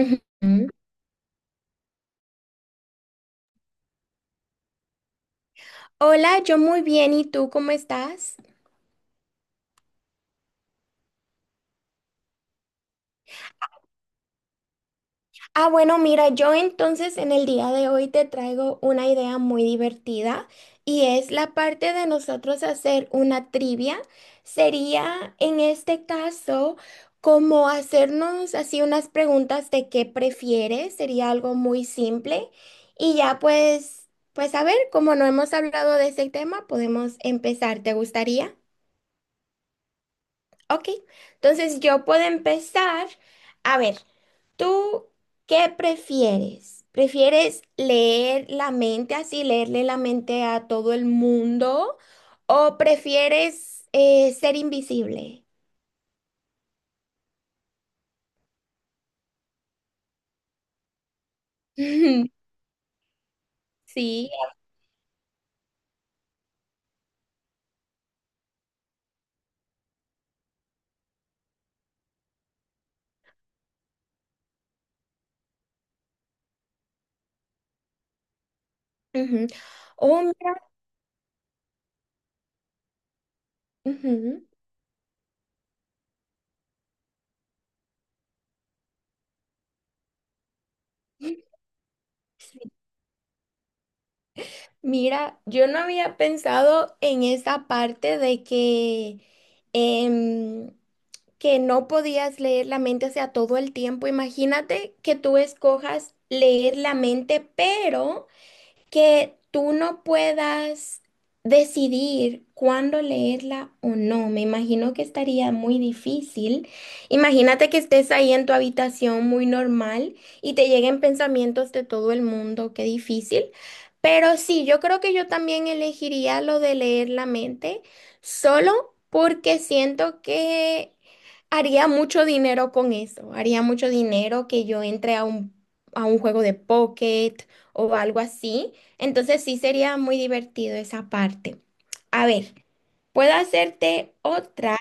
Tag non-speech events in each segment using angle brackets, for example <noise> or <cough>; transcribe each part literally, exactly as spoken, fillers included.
Ujú. Hola, yo muy bien, ¿y tú cómo estás? Ah, bueno, mira, yo entonces en el día de hoy te traigo una idea muy divertida y es la parte de nosotros hacer una trivia. Sería en este caso como hacernos así unas preguntas de qué prefieres, sería algo muy simple y ya pues, pues a ver, como no hemos hablado de ese tema, podemos empezar, ¿te gustaría? Ok, entonces yo puedo empezar. A ver, ¿tú qué prefieres? ¿Prefieres leer la mente así, leerle la mente a todo el mundo? ¿O prefieres eh, ser invisible? <laughs> Sí. Ujú. Oh, mira, ujú. Sí. Mira, yo no había pensado en esa parte de que... em, que no podías leer la mente, o sea, todo el tiempo. Imagínate que tú escojas leer la mente, pero que tú no puedas decidir cuándo leerla o no. Me imagino que estaría muy difícil. Imagínate que estés ahí en tu habitación muy normal y te lleguen pensamientos de todo el mundo. Qué difícil. Pero sí, yo creo que yo también elegiría lo de leer la mente, solo porque siento que haría mucho dinero con eso. Haría mucho dinero que yo entre a un, a un juego de pocket o algo así. Entonces sí sería muy divertido esa parte. A ver, puedo hacerte otra.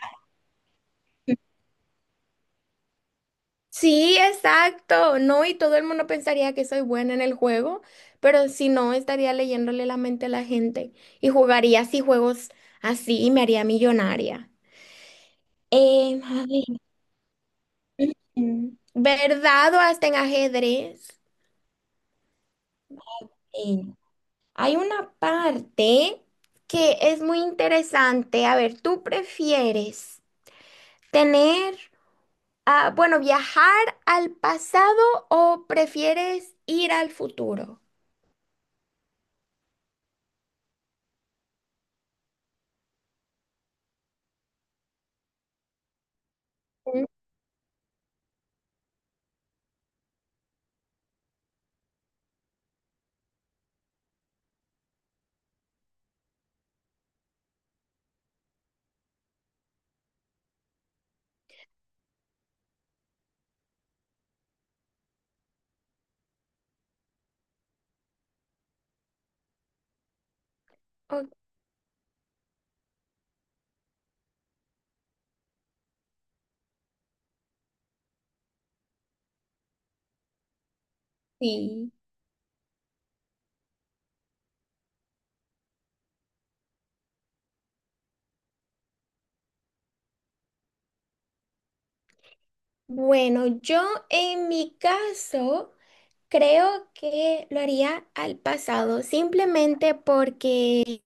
Sí, exacto. No, y todo el mundo pensaría que soy buena en el juego, pero si no, estaría leyéndole la mente a la gente y jugaría así juegos así y me haría millonaria. Eh, a ver, mm, ¿verdad o hasta en ajedrez? Eh, hay una parte que es muy interesante. A ver, ¿tú prefieres tener Ah, bueno, ¿viajar al pasado o prefieres ir al futuro? Mm. Ok. Sí. Bueno, yo en mi caso creo que lo haría al pasado, simplemente porque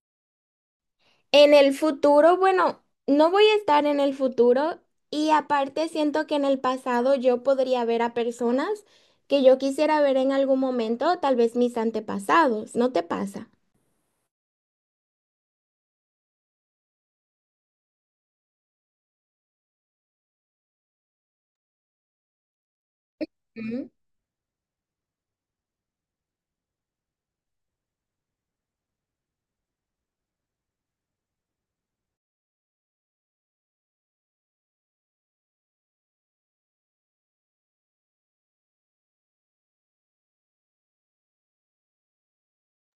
en el futuro, bueno, no voy a estar en el futuro y aparte siento que en el pasado yo podría ver a personas que yo quisiera ver en algún momento, tal vez mis antepasados, ¿no te pasa? Mm.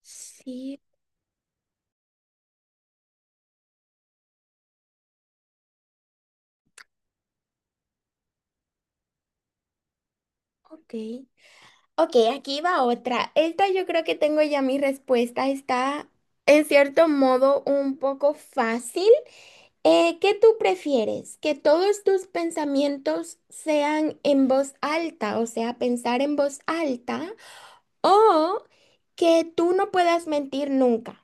Sí, ok. Ok, aquí va otra. Esta yo creo que tengo ya mi respuesta. Está en cierto modo un poco fácil. Eh, ¿qué tú prefieres? ¿Que todos tus pensamientos sean en voz alta, o sea, pensar en voz alta, o que tú no puedas mentir nunca?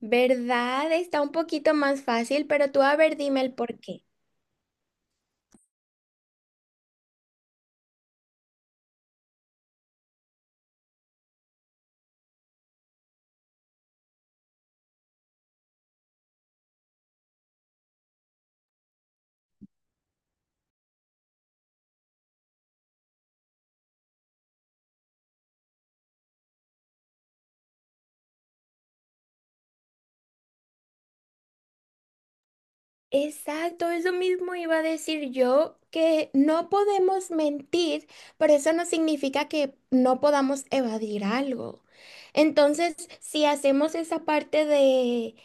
¿Verdad? Está un poquito más fácil, pero tú a ver, dime el porqué. Exacto, eso mismo iba a decir yo, que no podemos mentir, pero eso no significa que no podamos evadir algo. Entonces, si hacemos esa parte de,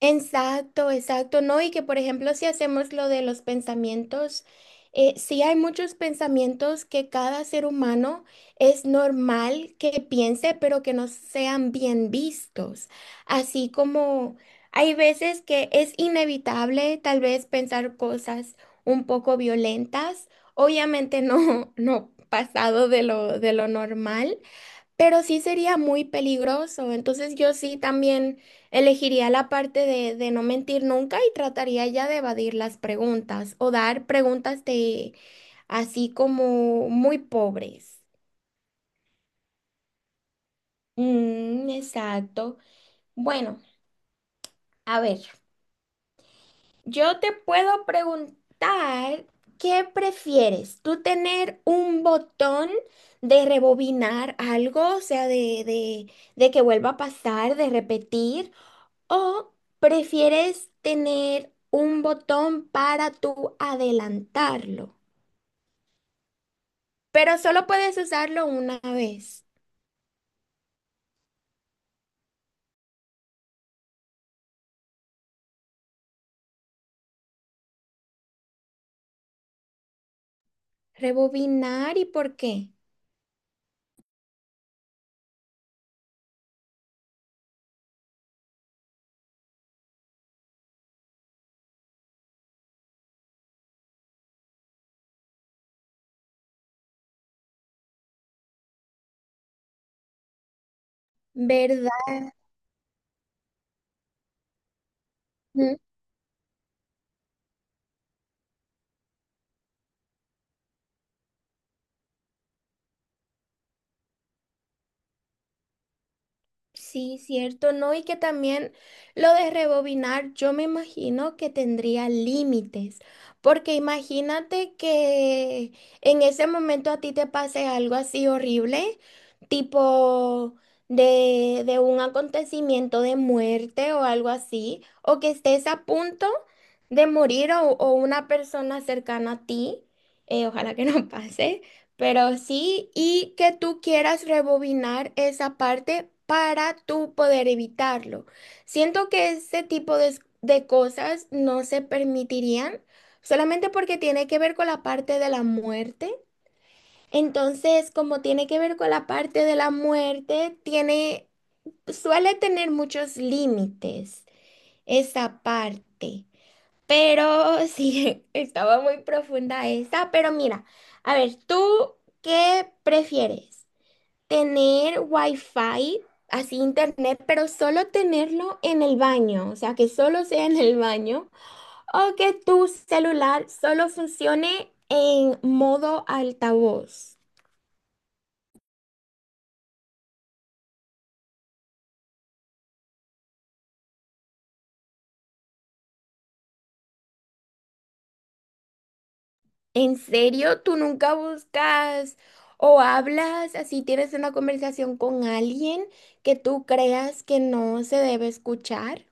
exacto, exacto, ¿no? Y que por ejemplo si hacemos lo de los pensamientos, eh, sí hay muchos pensamientos que cada ser humano es normal que piense, pero que no sean bien vistos. Así como hay veces que es inevitable tal vez pensar cosas un poco violentas, obviamente no, <laughs> no pasado de lo, de lo normal. Pero sí sería muy peligroso, entonces yo sí también elegiría la parte de, de no mentir nunca y trataría ya de evadir las preguntas o dar preguntas de así como muy pobres. Mm, exacto. Bueno, a ver, yo te puedo preguntar, ¿qué prefieres? ¿Tú tener un botón de rebobinar algo, o sea, de, de, de que vuelva a pasar, de repetir? ¿O prefieres tener un botón para tú adelantarlo? Pero solo puedes usarlo una vez. Rebobinar y por qué, ¿verdad? Sí, cierto, ¿no? Y que también lo de rebobinar, yo me imagino que tendría límites, porque imagínate que en ese momento a ti te pase algo así horrible, tipo de, de un acontecimiento de muerte o algo así, o que estés a punto de morir o, o una persona cercana a ti, eh, ojalá que no <laughs> pase. Pero sí, y que tú quieras rebobinar esa parte para tú poder evitarlo. Siento que ese tipo de, de cosas no se permitirían solamente porque tiene que ver con la parte de la muerte. Entonces, como tiene que ver con la parte de la muerte, tiene, suele tener muchos límites esa parte. Pero sí, <laughs> estaba muy profunda esa. Pero mira, a ver, ¿tú qué prefieres? ¿Tener wifi, así internet, pero solo tenerlo en el baño? O sea, que solo sea en el baño. ¿O que tu celular solo funcione en modo altavoz? ¿En serio? ¿Tú nunca buscas o hablas así, tienes una conversación con alguien que tú creas que no se debe escuchar?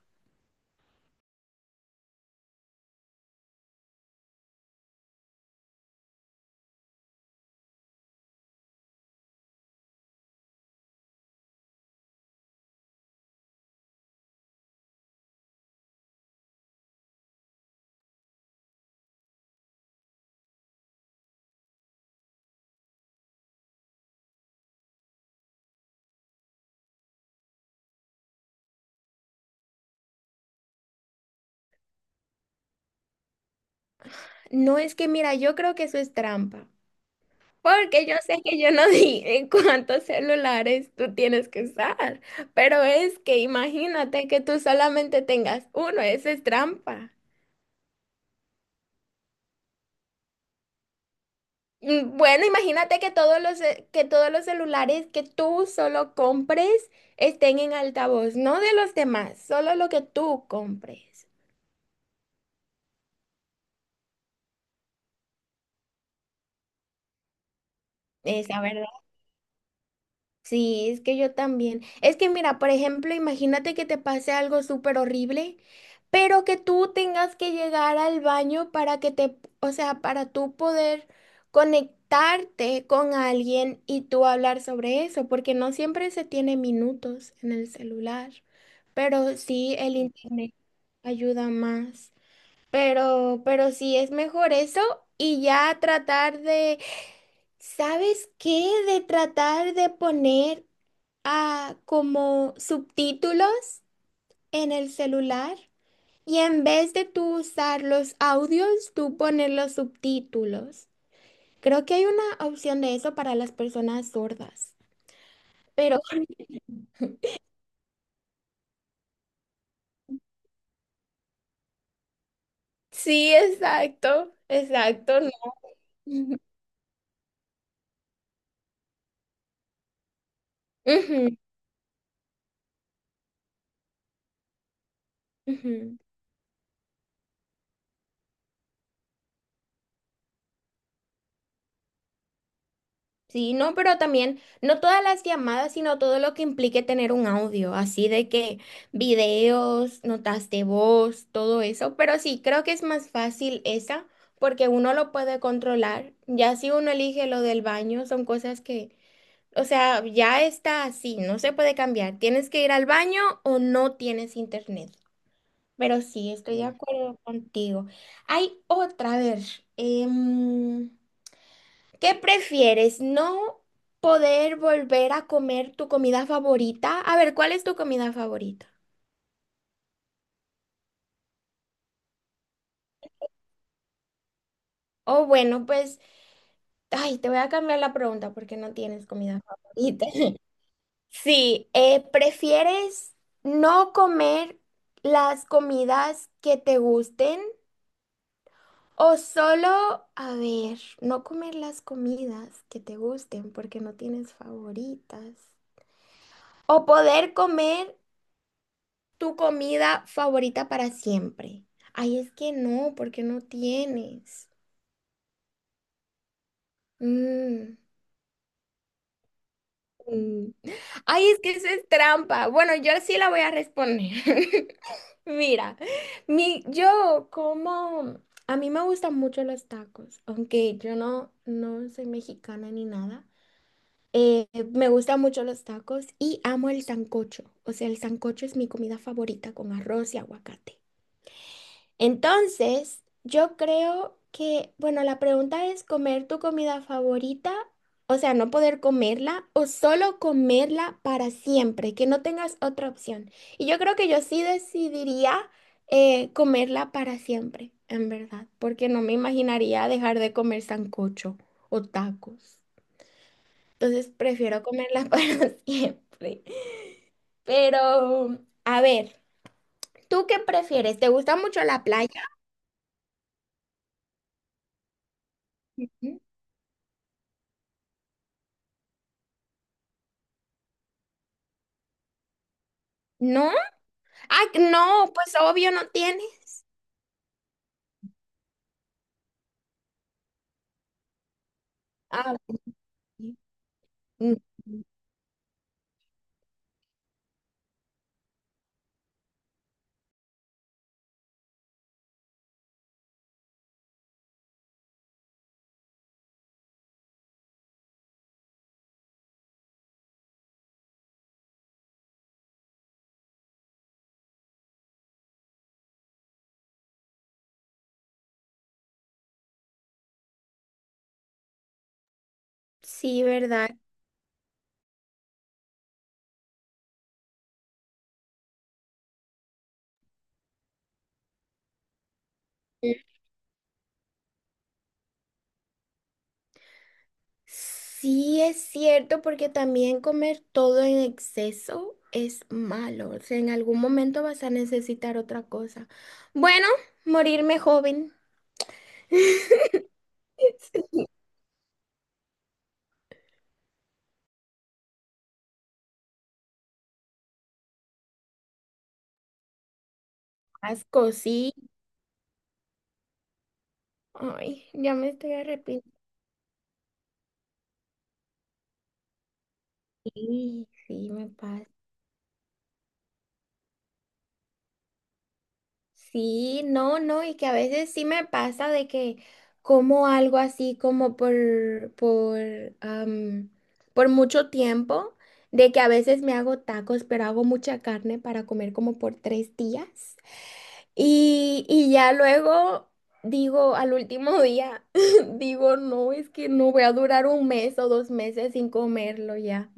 No es que, mira, yo creo que eso es trampa, porque yo sé que yo no dije cuántos celulares tú tienes que usar, pero es que imagínate que tú solamente tengas uno, eso es trampa. Mm, bueno, imagínate que todos los, ce- que todos los celulares que tú solo compres estén en altavoz, no de los demás, solo lo que tú compres. Esa, sí, es que yo también. Es que mira, por ejemplo, imagínate que te pase algo súper horrible, pero que tú tengas que llegar al baño para que te, o sea, para tú poder conectarte con alguien y tú hablar sobre eso, porque no siempre se tiene minutos en el celular, pero sí el internet ayuda más. Pero, pero sí es mejor eso y ya tratar de ¿sabes qué? De tratar de poner a como subtítulos en el celular y en vez de tú usar los audios, tú pones los subtítulos. Creo que hay una opción de eso para las personas sordas, pero <laughs> sí, exacto, exacto, no. <laughs> Ujú, ujú. Sí, no, pero también no todas las llamadas, sino todo lo que implique tener un audio, así de que videos, notas de voz, todo eso. Pero sí, creo que es más fácil esa porque uno lo puede controlar. Ya si uno elige lo del baño, son cosas que, o sea, ya está así, no se puede cambiar. Tienes que ir al baño o no tienes internet. Pero sí, estoy de Sí. acuerdo contigo. Hay otra, a ver. em, ¿Qué prefieres? ¿No poder volver a comer tu comida favorita? A ver, ¿cuál es tu comida favorita? O bueno, pues, ay, te voy a cambiar la pregunta porque no tienes comida favorita. <laughs> Sí, eh, ¿prefieres no comer las comidas que te gusten o solo, a ver, no comer las comidas que te gusten porque no tienes favoritas? O poder comer tu comida favorita para siempre. Ay, es que no, porque no tienes. Mm. Mm, ay, es que eso es trampa. Bueno, yo sí la voy a responder. <laughs> Mira, mi, yo como, a mí me gustan mucho los tacos, aunque yo no, no soy mexicana ni nada. Eh, me gustan mucho los tacos y amo el sancocho. O sea, el sancocho es mi comida favorita con arroz y aguacate. Entonces, yo creo que, bueno, la pregunta es comer tu comida favorita, o sea, no poder comerla o solo comerla para siempre, que no tengas otra opción. Y yo creo que yo sí decidiría eh, comerla para siempre, en verdad, porque no me imaginaría dejar de comer sancocho o tacos. Entonces, prefiero comerla <laughs> para siempre. Pero, a ver, ¿tú qué prefieres? ¿Te gusta mucho la playa? ¿No? Ah, no, pues obvio no tiene. Ah, ok. Mm, sí, ¿verdad? Mm. Sí, es cierto, porque también comer todo en exceso es malo. O sea, en algún momento vas a necesitar otra cosa. Bueno, morirme joven. <laughs> Asco, sí. Ay, ya me estoy arrepintiendo. Sí, sí, me pasa. Sí, no, no, y que a veces sí me pasa de que como algo así como por, por, am, por mucho tiempo, de que a veces me hago tacos, pero hago mucha carne para comer como por tres días. Y, y ya luego digo al último día, <laughs> digo, no, es que no voy a durar un mes o dos meses sin comerlo ya.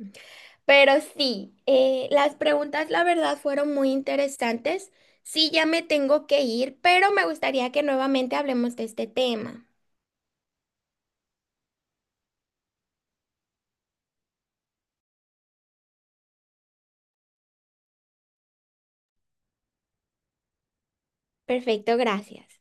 Pero sí, eh, las preguntas la verdad fueron muy interesantes. Sí, ya me tengo que ir, pero me gustaría que nuevamente hablemos de este tema. Perfecto, gracias.